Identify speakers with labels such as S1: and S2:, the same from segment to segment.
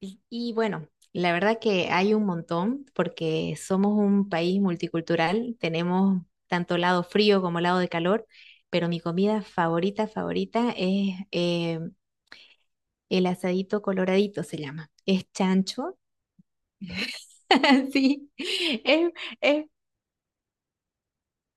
S1: Y bueno, la verdad que hay un montón porque somos un país multicultural, tenemos tanto lado frío como lado de calor, pero mi comida favorita, favorita es el asadito coloradito, se llama. Es chancho, sí, es, es.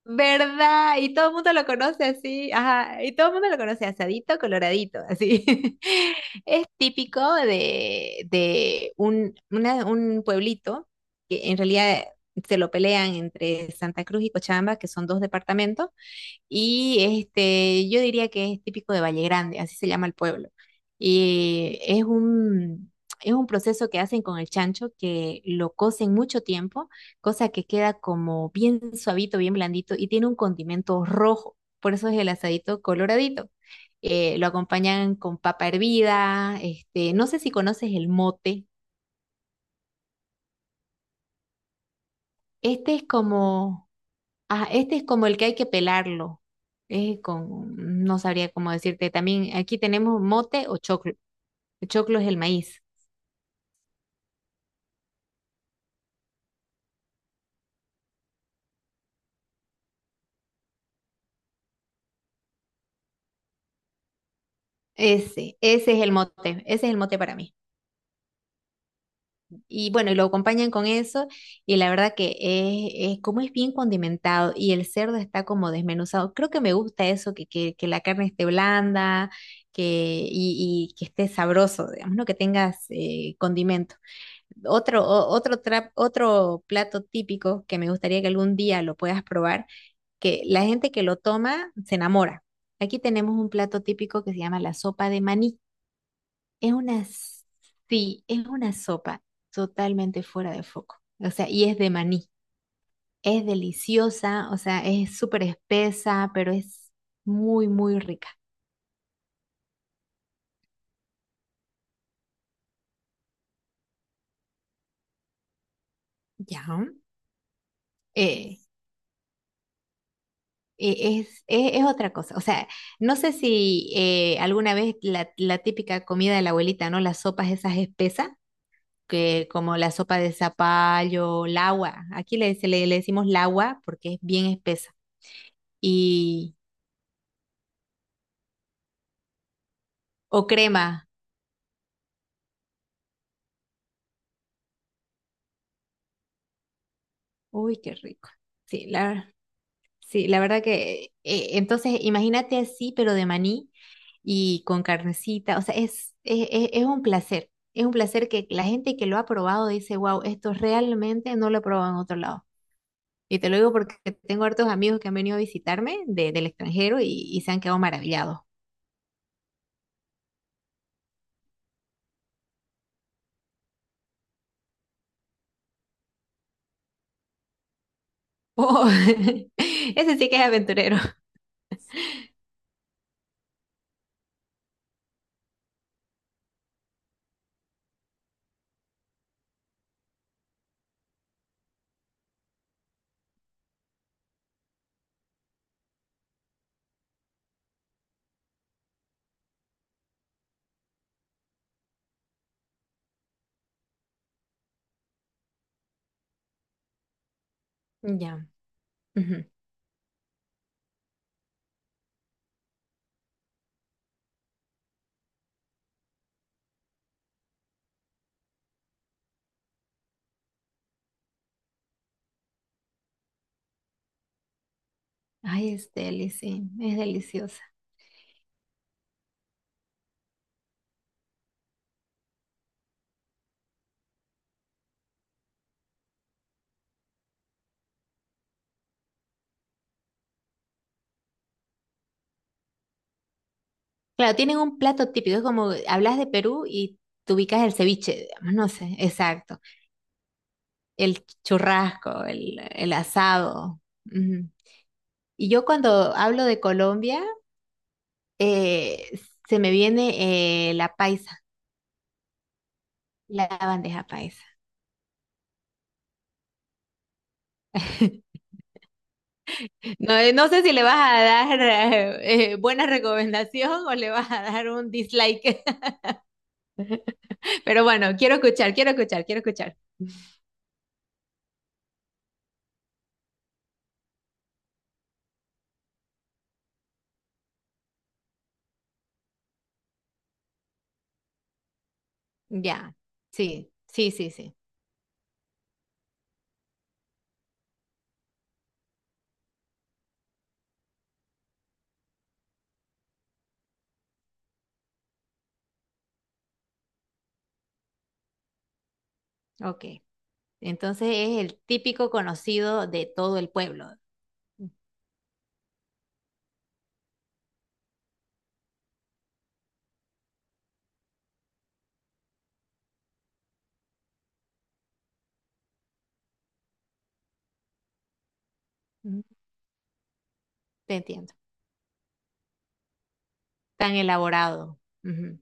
S1: ¿Verdad? Y todo el mundo lo conoce así, ajá, y todo el mundo lo conoce asadito, coloradito, así. Es típico de un pueblito que en realidad se lo pelean entre Santa Cruz y Cochabamba, que son dos departamentos, y este, yo diría que es típico de Valle Grande, así se llama el pueblo. Y es un, es un proceso que hacen con el chancho que lo cocen mucho tiempo, cosa que queda como bien suavito, bien blandito y tiene un condimento rojo. Por eso es el asadito coloradito. Lo acompañan con papa hervida, este, no sé si conoces el mote. Este es como. Ah, este es como el que hay que pelarlo. Es con, no sabría cómo decirte. También aquí tenemos mote o choclo. El choclo es el maíz. Ese es el mote, ese es el mote para mí. Y bueno, y lo acompañan con eso, y la verdad que como es bien condimentado y el cerdo está como desmenuzado. Creo que me gusta eso, que la carne esté blanda, que, y que esté sabroso, digamos, ¿no? Que tengas condimento. Otro, o- otro, tra- Otro plato típico que me gustaría que algún día lo puedas probar, que la gente que lo toma se enamora. Aquí tenemos un plato típico que se llama la sopa de maní. Es una, s- sí, es una sopa totalmente fuera de foco. O sea, y es de maní. Es deliciosa, o sea, es súper espesa, pero es muy, muy rica. Ya. eh, Es, es otra cosa. O sea, no sé si alguna vez la típica comida de la abuelita, ¿no? Las sopas esas espesas, que como la sopa de zapallo, el agua. Aquí le decimos el agua porque es bien espesa. Y, o crema. Uy, qué rico. Sí, la, sí, la verdad que, entonces imagínate así, pero de maní y con carnecita, o sea, es un placer que la gente que lo ha probado dice, wow, esto realmente no lo he probado en otro lado. Y te lo digo porque tengo hartos amigos que han venido a visitarme del extranjero y se han quedado maravillados. Oh, ese sí que es aventurero. Ya. Ujú. Ay, es deli, sí, es deliciosa. Claro, tienen un plato típico, es como hablas de Perú y te ubicas el ceviche, digamos, no sé, exacto. El churrasco, el asado. Ujú. Y yo cuando hablo de Colombia, eh, se me viene la paisa, la bandeja paisa. No, no sé si le vas a dar buena recomendación o le vas a dar un dislike, pero bueno, quiero escuchar, quiero escuchar, quiero escuchar. Ya, sí, sí, sí, sí. Ok. Entonces es el típico conocido de todo el pueblo. Mm. Ujú. Te entiendo. Tan elaborado. Ujú.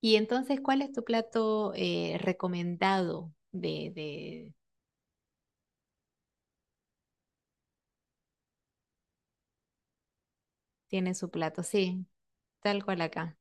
S1: Y entonces, ¿cuál es tu plato recomendado de... Tiene su plato, sí, tal cual acá.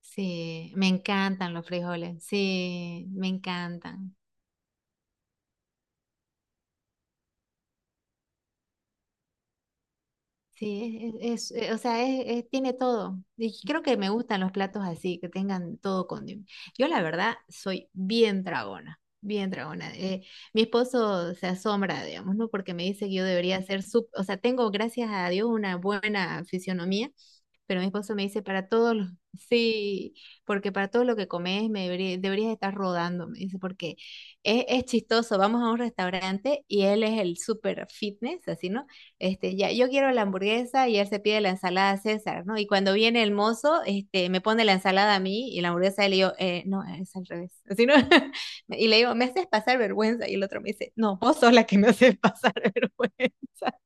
S1: Sí, me encantan los frijoles, sí, me encantan. Sí, o sea, tiene todo. Y creo que me gustan los platos así, que tengan todo condimento. Yo la verdad soy bien tragona, bien tragona. Mi esposo se asombra, digamos, ¿no? Porque me dice que yo debería ser sup, o sea, tengo, gracias a Dios, una buena fisionomía, pero mi esposo me dice, para todos los, sí, porque para todo lo que comes me deberías estar rodando, me dice, porque es chistoso. Vamos a un restaurante y él es el super fitness, así, ¿no? Este, ya, yo quiero la hamburguesa y él se pide la ensalada César, ¿no? Y cuando viene el mozo, este, me pone la ensalada a mí y la hamburguesa a él y yo, no, es al revés. Así, ¿no? Y le digo, me haces pasar vergüenza. Y el otro me dice, no, vos sos la que me haces pasar vergüenza.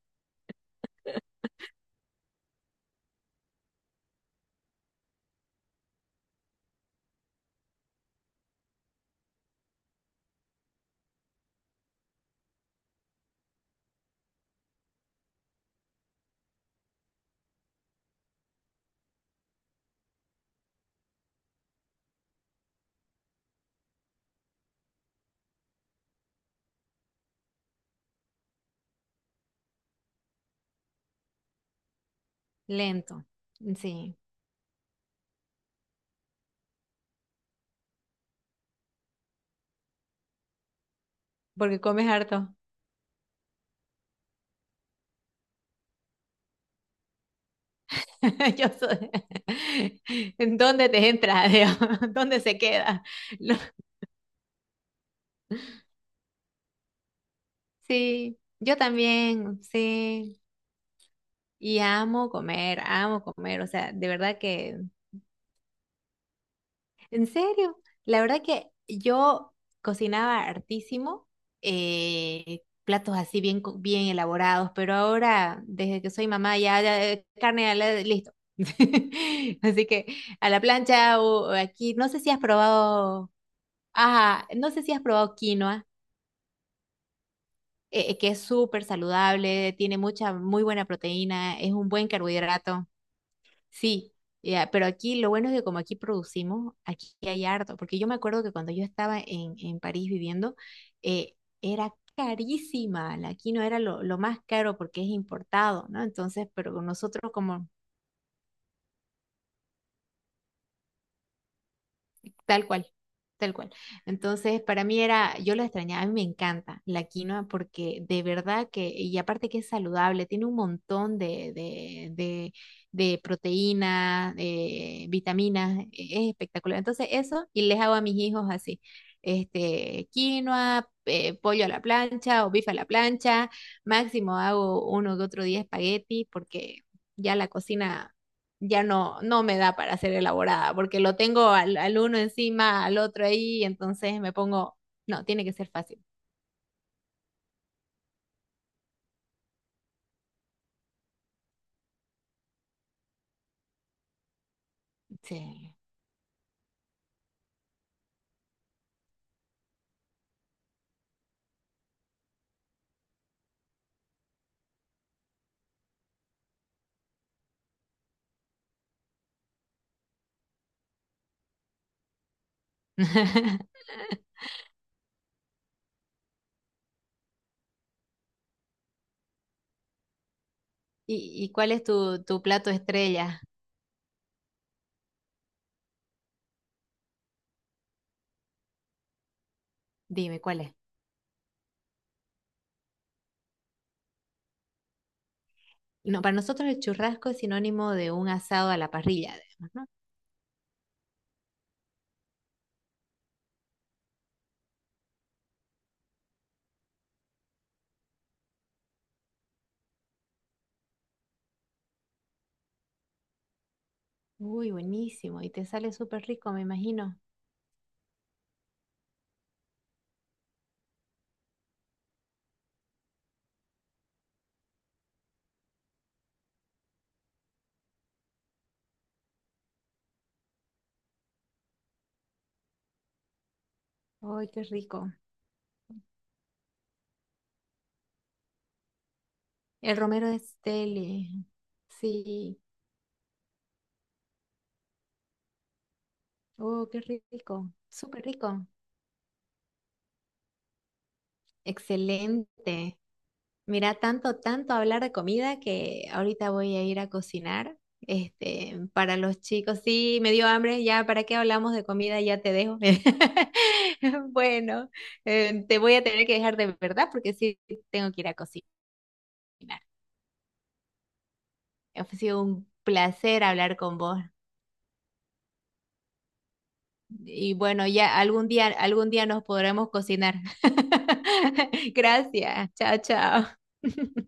S1: Lento, sí, porque comes harto. Yo soy... ¿En dónde te entra? ¿Dios? ¿Dónde se queda? Lo- sí, yo también, sí. Y amo comer, amo comer. O sea, de verdad que ¿en serio? La verdad que yo cocinaba hartísimo, platos así bien, bien elaborados, pero ahora, desde que soy mamá, ya, ya, carne, a la- listo. Así que a la plancha o aquí, no sé si has probado, ajá, no sé si has probado quinoa, que es súper saludable, tiene mucha, muy buena proteína, es un buen carbohidrato. Sí, ya, pero aquí lo bueno es que como aquí producimos, aquí hay harto, porque yo me acuerdo que cuando yo estaba en París viviendo, eh, era carísima, la quinoa era lo más caro porque es importado, ¿no? Entonces, pero nosotros como tal cual, tal cual. Entonces, para mí era, yo lo extrañaba, a mí me encanta la quinoa porque de verdad que, y aparte que es saludable, tiene un montón de proteínas, vitaminas, e- es espectacular. Entonces, eso, y les hago a mis hijos así, este, quinoa, pollo a la plancha o bife a la plancha, máximo hago uno que otro día espagueti porque ya la cocina ya no, no me da para ser elaborada, porque lo tengo al uno encima, al otro ahí, entonces me pongo, no, tiene que ser fácil. Sí. ¿Y, y cuál es tu, tu plato estrella? Dime, ¿cuál es? No, para nosotros el churrasco es sinónimo de un asado a la parrilla, digamos, ¿no? Uy, buenísimo, y te sale súper rico, me imagino. Uy, qué rico. El romero de Steli. Sí. Oh, qué rico. Súper rico. Excelente. Mira, tanto, tanto hablar de comida que ahorita voy a ir a cocinar. Este, para los chicos, sí, me dio hambre, ya, ¿para qué hablamos de comida? Ya te dejo. Bueno, te voy a tener que dejar de verdad porque sí tengo que ir a cocinar. Ha sido un placer hablar con vos. Y bueno, ya algún día nos podremos cocinar. Gracias. Chao, chao.